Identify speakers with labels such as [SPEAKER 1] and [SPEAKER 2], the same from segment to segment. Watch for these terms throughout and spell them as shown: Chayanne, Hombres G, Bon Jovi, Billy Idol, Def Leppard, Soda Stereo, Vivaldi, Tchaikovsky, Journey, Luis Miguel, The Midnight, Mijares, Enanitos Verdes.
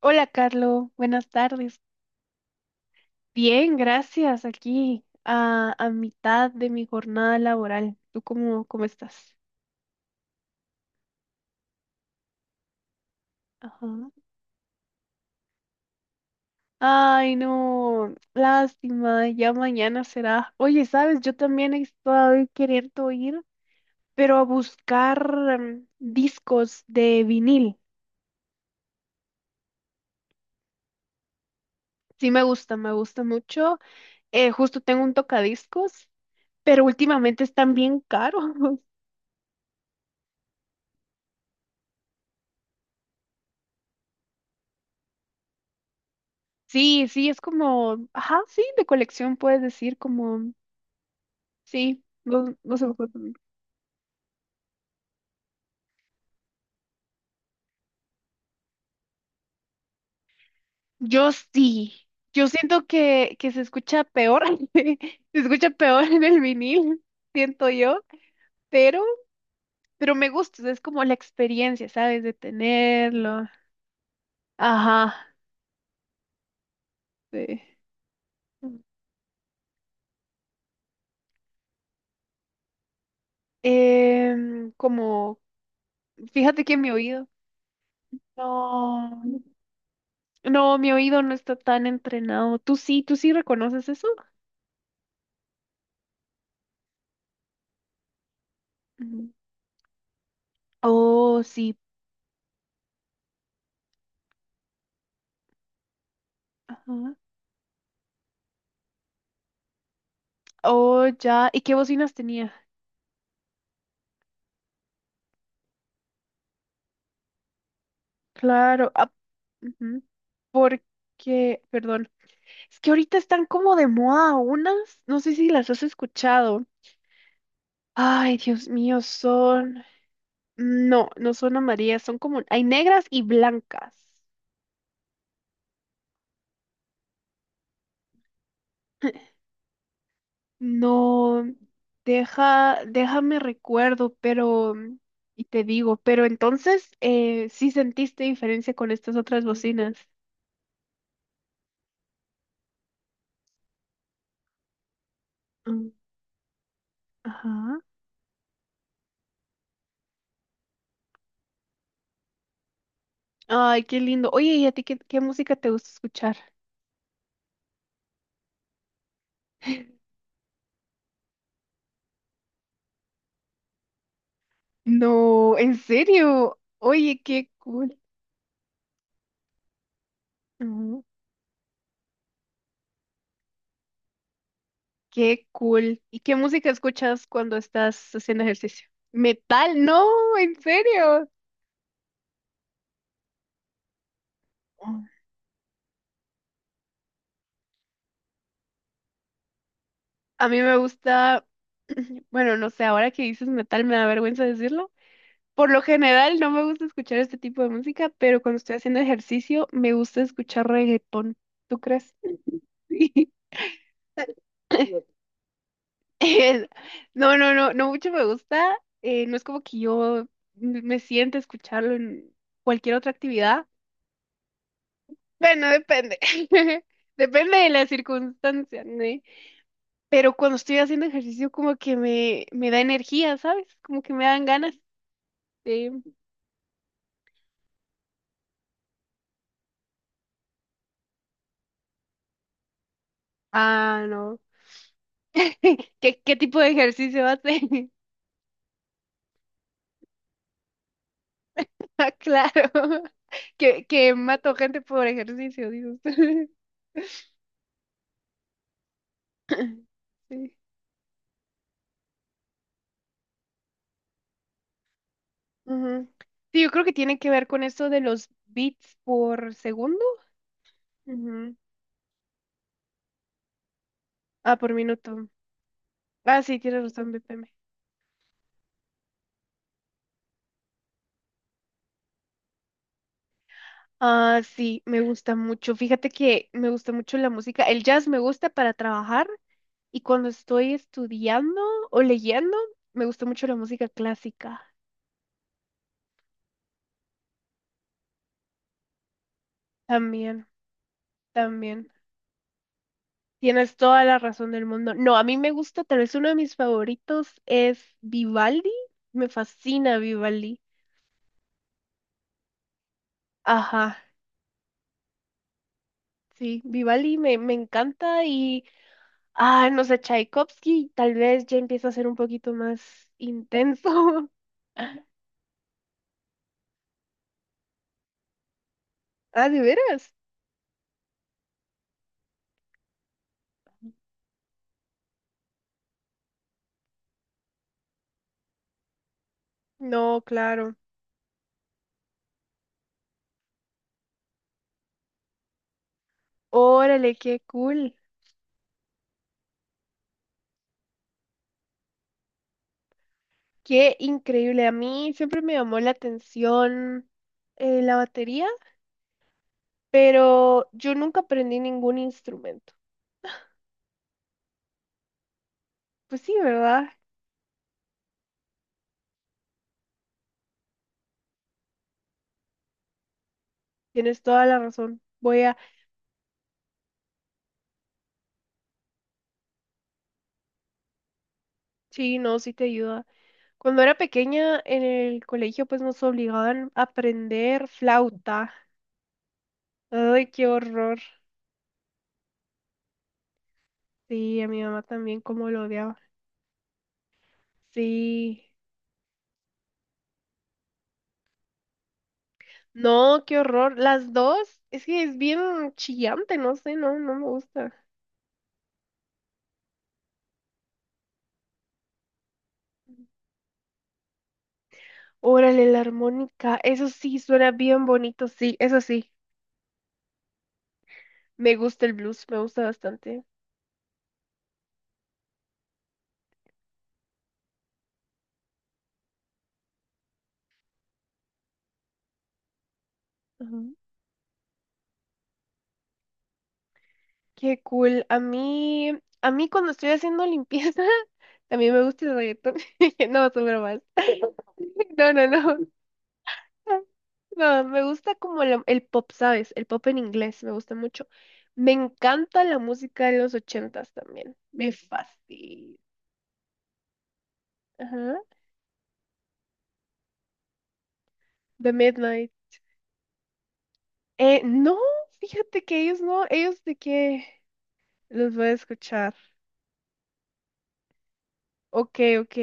[SPEAKER 1] Hola, Carlos. Buenas tardes. Bien, gracias. Aquí a mitad de mi jornada laboral. ¿Tú cómo estás? Ajá. Ay, no. Lástima. Ya mañana será. Oye, ¿sabes? Yo también he estado queriendo ir, pero a buscar discos de vinil. Sí, me gusta mucho. Justo tengo un tocadiscos, pero últimamente están bien caros. Sí, sí, es como, ajá, sí, de colección puedes decir como, sí, no, no se me ocurre también. Yo sí, yo siento que se escucha peor, se escucha peor en el vinil, siento yo, pero, pero me gusta, es como la experiencia, ¿sabes? De tenerlo. Ajá, sí. Em, como, fíjate que mi oído, no, no, mi oído no está tan entrenado. Tú sí reconoces eso? Oh, sí. Ajá. Oh, ya. ¿Y qué bocinas tenía? Claro. Ah, ujú. Porque, perdón, es que ahorita están como de moda unas, no sé si las has escuchado. Ay, Dios mío, son... No, no son amarillas, son como... Hay negras y blancas. No, deja, déjame recuerdo, pero... Y te digo, pero entonces, ¿sí sentiste diferencia con estas otras bocinas? Mm, Ajá. Ay, qué lindo. Oye, ¿y a ti qué música te gusta escuchar? No, en serio. Oye, qué cool. Ujú. Qué cool. ¿Y qué música escuchas cuando estás haciendo ejercicio? Metal, no, en serio. Mm. A mí me gusta, bueno, no sé, ahora que dices metal me da vergüenza decirlo. Por lo general no me gusta escuchar este tipo de música, pero cuando estoy haciendo ejercicio me gusta escuchar reggaetón. ¿Tú crees? Sí. No, no, no, no mucho me gusta. No es como que yo me siente escucharlo en cualquier otra actividad. Bueno, depende. Depende de la circunstancia, ¿no? Pero cuando estoy haciendo ejercicio, como que me da energía, ¿sabes? Como que me dan ganas de. Ah, no. Qué tipo de ejercicio hace? Ah, claro. Que mato gente por ejercicio, dices. Sí. Ujú. Sí, yo creo que tiene que ver con eso de los bits por segundo. Ujú. Ah, por minuto. Ah, sí, tienes razón, BPM. Ah, sí, me gusta mucho. Fíjate que me gusta mucho la música. El jazz me gusta para trabajar y cuando estoy estudiando o leyendo, me gusta mucho la música clásica. También, también. Tienes toda la razón del mundo. No, a mí me gusta, tal vez uno de mis favoritos es Vivaldi. Me fascina Vivaldi. Ajá, sí, Vivaldi me encanta y, ah, no sé, Tchaikovsky tal vez ya empieza a ser un poquito más intenso. Ah, ¿de veras? No, claro. Órale, qué cool. Qué increíble. A mí siempre me llamó la atención la batería, pero yo nunca aprendí ningún instrumento. Pues sí, ¿verdad? Tienes toda la razón. Voy a... Sí, no, sí te ayuda. Cuando era pequeña en el colegio, pues nos obligaban a aprender flauta. Ay, qué horror. Sí, a mi mamá también como lo odiaba. Sí. No, qué horror. Las dos, es que es bien chillante, no sé, no, no me gusta. Órale, la armónica, eso sí, suena bien bonito, sí, eso sí. Me gusta el blues, me gusta bastante. Ajá. Qué cool. A mí cuando estoy haciendo limpieza, también me gusta el reggaetón. No, son bromas. No, no, no. No, me gusta como el pop, ¿sabes? El pop en inglés, me gusta mucho. Me encanta la música de los ochentas también. Me fascina. Ajá. The Midnight. No, fíjate que ellos no, ellos de qué los voy a escuchar. Ok, ok.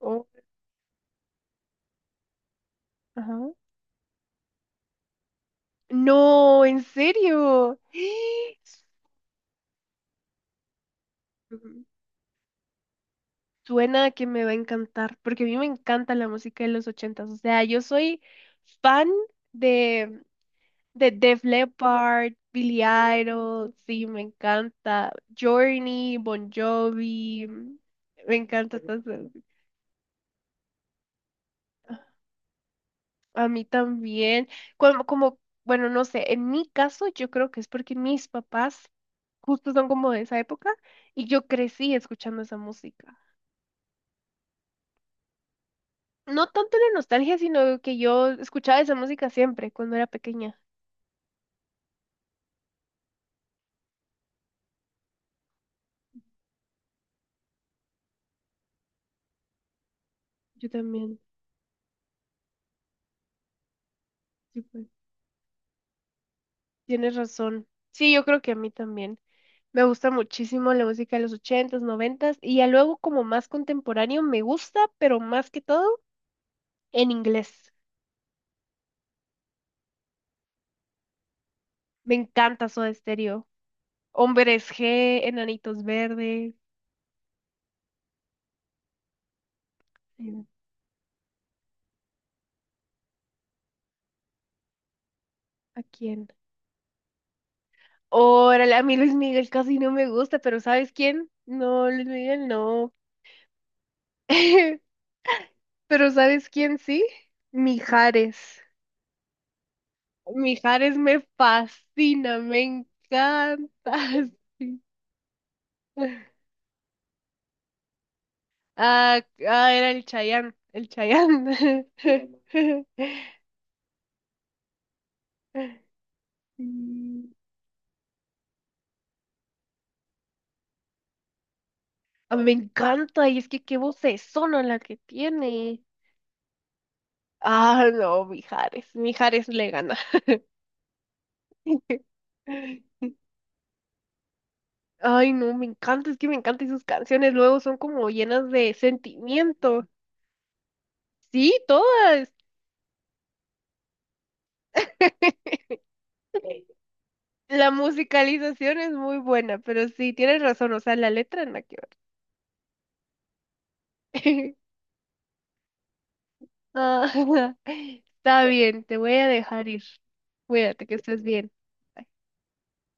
[SPEAKER 1] Oh, ajá. No, en serio. Ujú. Suena que me va a encantar, porque a mí me encanta la música de los ochentas. O sea, yo soy fan de Def Leppard, Billy Idol, sí, me encanta. Journey, Bon Jovi, me encanta estas. A mí también. Como, como, bueno, no sé, en mi caso yo creo que es porque mis papás justo son como de esa época y yo crecí escuchando esa música. No tanto la nostalgia, sino que yo escuchaba esa música siempre cuando era pequeña. Yo también. Sí, pues. Tienes razón. Sí, yo creo que a mí también. Me gusta muchísimo la música de los ochentas, noventas y ya luego como más contemporáneo me gusta, pero más que todo en inglés. Me encanta Soda Stereo. Hombres G, Enanitos Verdes. em, ¿A quién? Órale, a mí Luis Miguel casi no me gusta, pero ¿sabes quién? No, Luis Miguel no. Pero ¿sabes quién sí? Mijares. Mijares me fascina, me encanta. Sí. Ah, ah, era el Chayanne, el Chayanne. Mm, a mí me encanta, y es que qué vocesona la que tiene. Ah, no, Mijares, Mijares le gana. Ay, no, me encanta, es que me encantan sus canciones, luego son como llenas de sentimiento. Sí, todas. La musicalización es muy buena, pero sí, tienes razón, o sea, la letra en la que ver. Ah, está bien, te voy a dejar ir. Cuídate, que estés bien.